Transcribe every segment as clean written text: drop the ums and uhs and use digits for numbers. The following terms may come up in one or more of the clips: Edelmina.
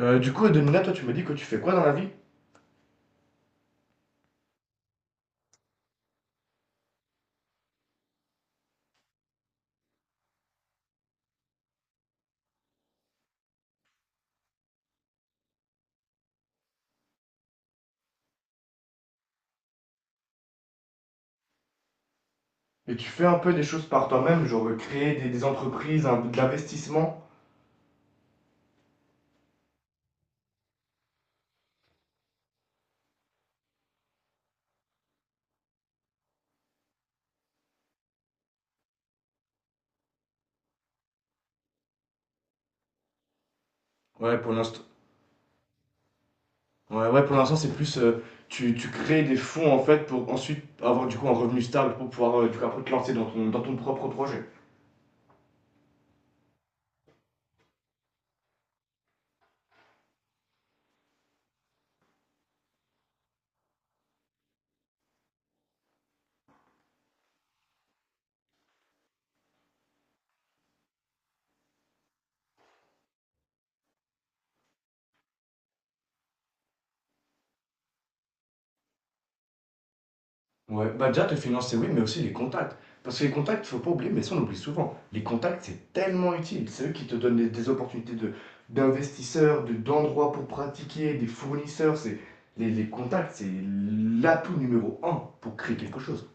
Edelmina, toi, tu me dis que tu fais quoi dans la vie? Et tu fais un peu des choses par toi-même, genre créer des entreprises, un, de l'investissement? Ouais, pour l'instant, ouais, ouais, pour l'instant, c'est plus tu crées des fonds en fait pour ensuite avoir du coup un revenu stable pour pouvoir du coup, après te lancer dans dans ton propre projet. Ouais, bah déjà te financer, oui, mais aussi les contacts. Parce que les contacts, faut pas oublier, mais ça on oublie souvent. Les contacts, c'est tellement utile. C'est eux qui te donnent des opportunités d'investisseurs, d'endroits pour pratiquer, des fournisseurs. C'est, les contacts, c'est l'atout numéro un pour créer quelque chose.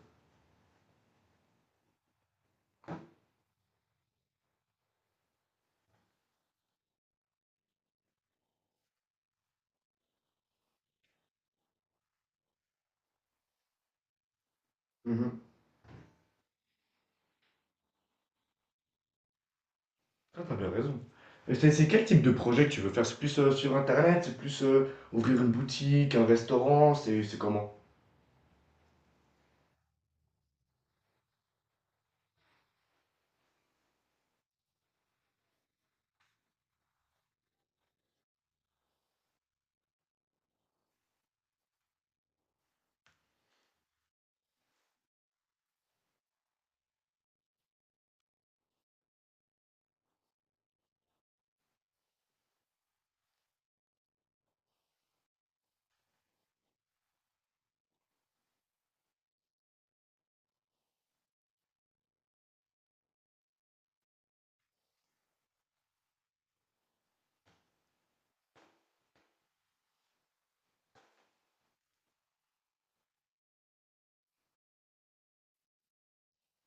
Mhm. Ah, t'as bien raison. Et c'est quel type de projet que tu veux faire? C'est plus sur Internet? C'est plus ouvrir une boutique, un restaurant? C'est comment?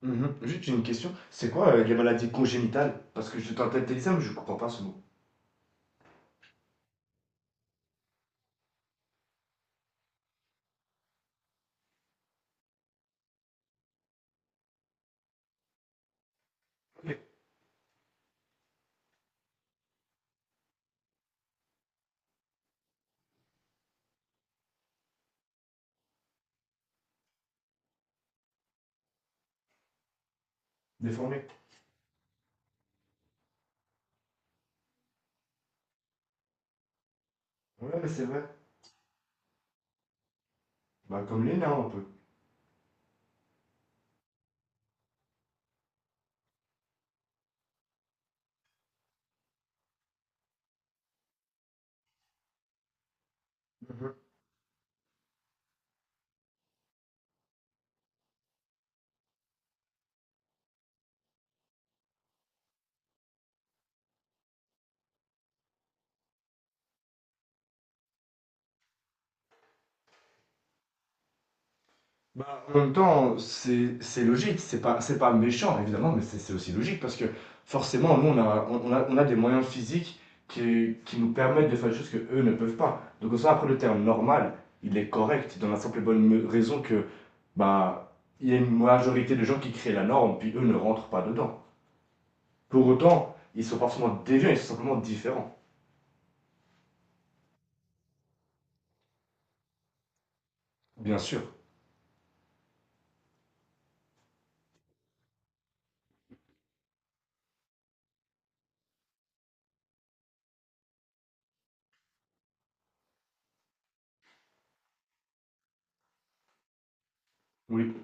Mhm. Juste une question. C'est quoi les maladies congénitales? Parce que je t'entends dire ça, mais je comprends pas ce mot. Ok. Déformé. Ouais, c'est vrai. Bah, comme les nains, un peu. Mhm. Bah, en même temps, c'est logique, c'est pas méchant évidemment, mais c'est aussi logique parce que forcément, nous on a, on a des moyens physiques qui nous permettent de faire des choses que eux ne peuvent pas. Donc, en soi, après le terme normal, il est correct dans la simple et bonne raison que bah, il y a une majorité de gens qui créent la norme, puis eux ne rentrent pas dedans. Pour autant, ils sont pas forcément déviants, ils sont simplement différents. Bien sûr, oui,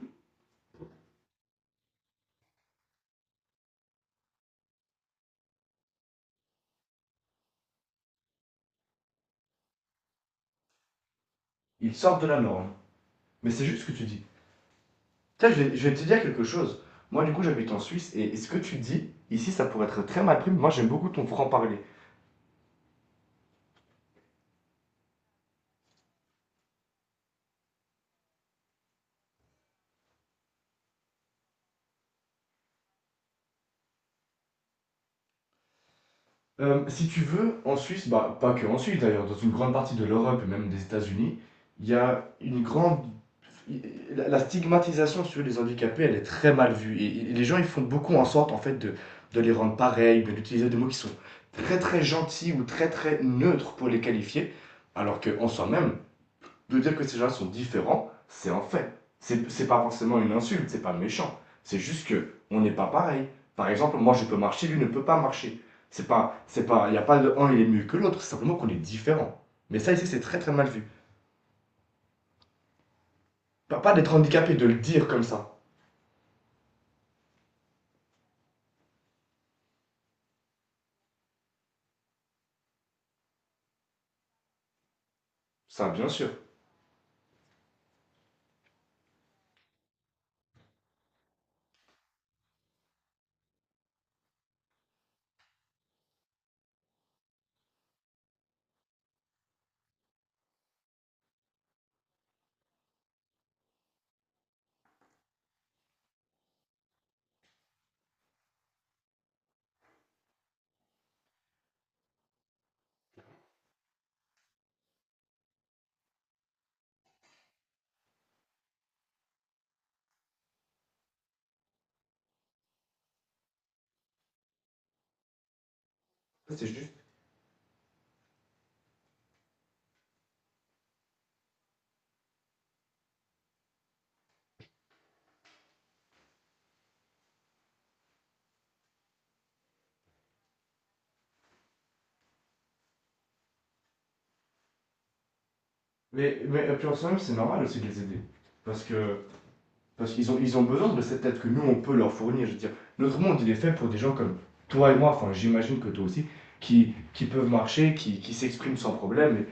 ils sortent de la norme. Mais c'est juste ce que tu dis. Tiens, je vais te dire quelque chose. Moi, du coup, j'habite en Suisse et ce que tu dis, ici, ça pourrait être très mal pris, mais moi, j'aime beaucoup ton franc-parler. Si tu veux, en Suisse, bah, pas que en Suisse d'ailleurs, dans une grande partie de l'Europe et même des États-Unis, il y a une grande. La stigmatisation sur les handicapés, elle est très mal vue. Et les gens, ils font beaucoup en sorte, en fait, de les rendre pareils, de d'utiliser des mots qui sont très, très gentils ou très, très neutres pour les qualifier, alors qu'en soi-même, de dire que ces gens sont différents, c'est un fait. C'est pas forcément une insulte, c'est pas méchant. C'est juste que on n'est pas pareil. Par exemple, moi je peux marcher, lui ne peut pas marcher. C'est pas, il n'y a pas de un il est mieux que l'autre, c'est simplement qu'on est différent. Mais ça ici c'est très très mal vu. Pas, pas d'être handicapé, de le dire comme ça. Ça, bien sûr. Ça c'est juste. Mais puis en soi-même, c'est normal aussi de les aider. Parce que parce qu'ils ont, ils ont besoin de cette aide que nous, on peut leur fournir. Je veux dire, notre monde, il est fait pour des gens comme toi et moi, enfin, j'imagine que toi aussi, qui peuvent marcher, qui s'expriment sans problème.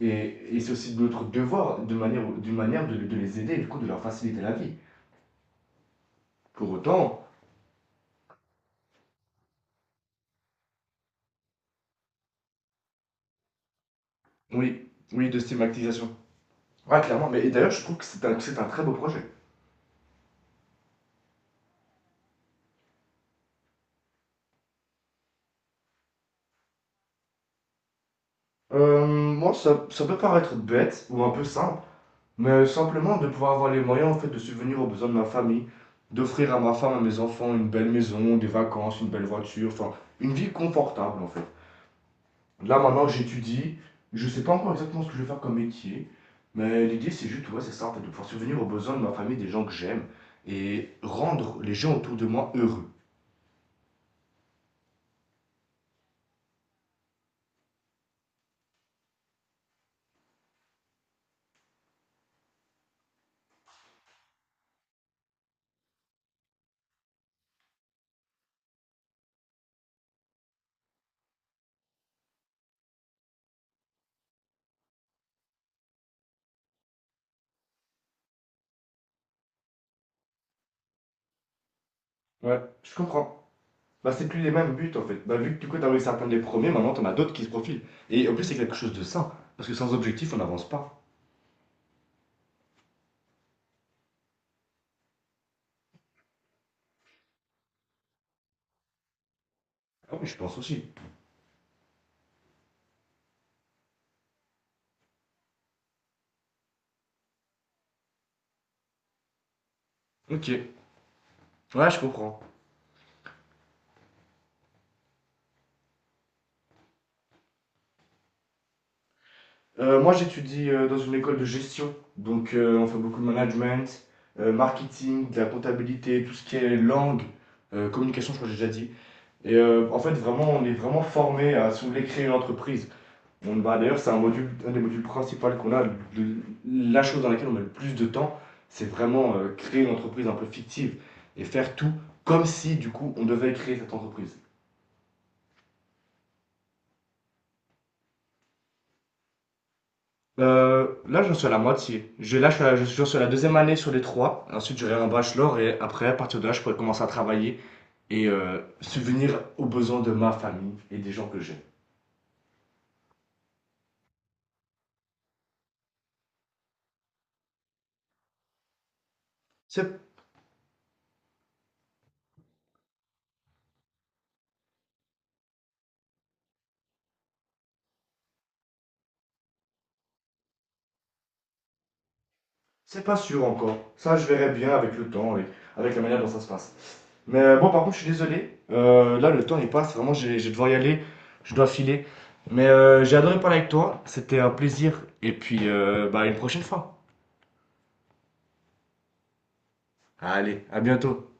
Et c'est aussi notre devoir, de manière, d'une manière, de les aider et du coup de leur faciliter la vie. Pour autant, oui, oui, de stigmatisation. Ouais, clairement. Mais et d'ailleurs, je trouve que c'est un très beau projet. Moi, ça peut paraître bête ou un peu simple, mais simplement de pouvoir avoir les moyens en fait de subvenir aux besoins de ma famille, d'offrir à ma femme, à mes enfants une belle maison, des vacances, une belle voiture, enfin une vie confortable en fait. Là maintenant j'étudie, je sais pas encore exactement ce que je vais faire comme métier, mais l'idée c'est juste ouais c'est ça en fait de pouvoir subvenir aux besoins de ma famille, des gens que j'aime et rendre les gens autour de moi heureux. Ouais, je comprends. Bah, c'est plus les mêmes buts en fait. Bah, vu que du coup, t'as réussi à atteindre les premiers, maintenant t'en as d'autres qui se profilent. Et en plus, c'est quelque chose de sain. Parce que sans objectif, on n'avance pas. Ah oui, je pense aussi. Ok. Ouais, je comprends. Moi, j'étudie dans une école de gestion. Donc, on fait beaucoup de management, marketing, de la comptabilité, tout ce qui est langue, communication, je crois que j'ai déjà dit. Et en fait, vraiment, on est vraiment formé à, si vous voulez, créer une entreprise. On, bah, d'ailleurs, c'est un module, un des modules principaux qu'on a. La chose dans laquelle on met le plus de temps, c'est vraiment créer une entreprise un peu fictive et faire tout comme si, du coup, on devait créer cette entreprise. Là, j'en suis à la moitié. Je suis, j'en suis à la 2e année sur les 3. Ensuite, j'aurai un bachelor et après, à partir de là, je pourrai commencer à travailler et subvenir aux besoins de ma famille et des gens que j'aime. C'est, c'est pas sûr encore. Ça, je verrai bien avec le temps et avec la manière dont ça se passe. Mais bon, par contre, je suis désolé. Là, le temps il passe. Vraiment, j'ai, je vais devoir y aller. Je dois filer. Mais j'ai adoré parler avec toi. C'était un plaisir. Et puis, bah, à une prochaine fois. Allez, à bientôt.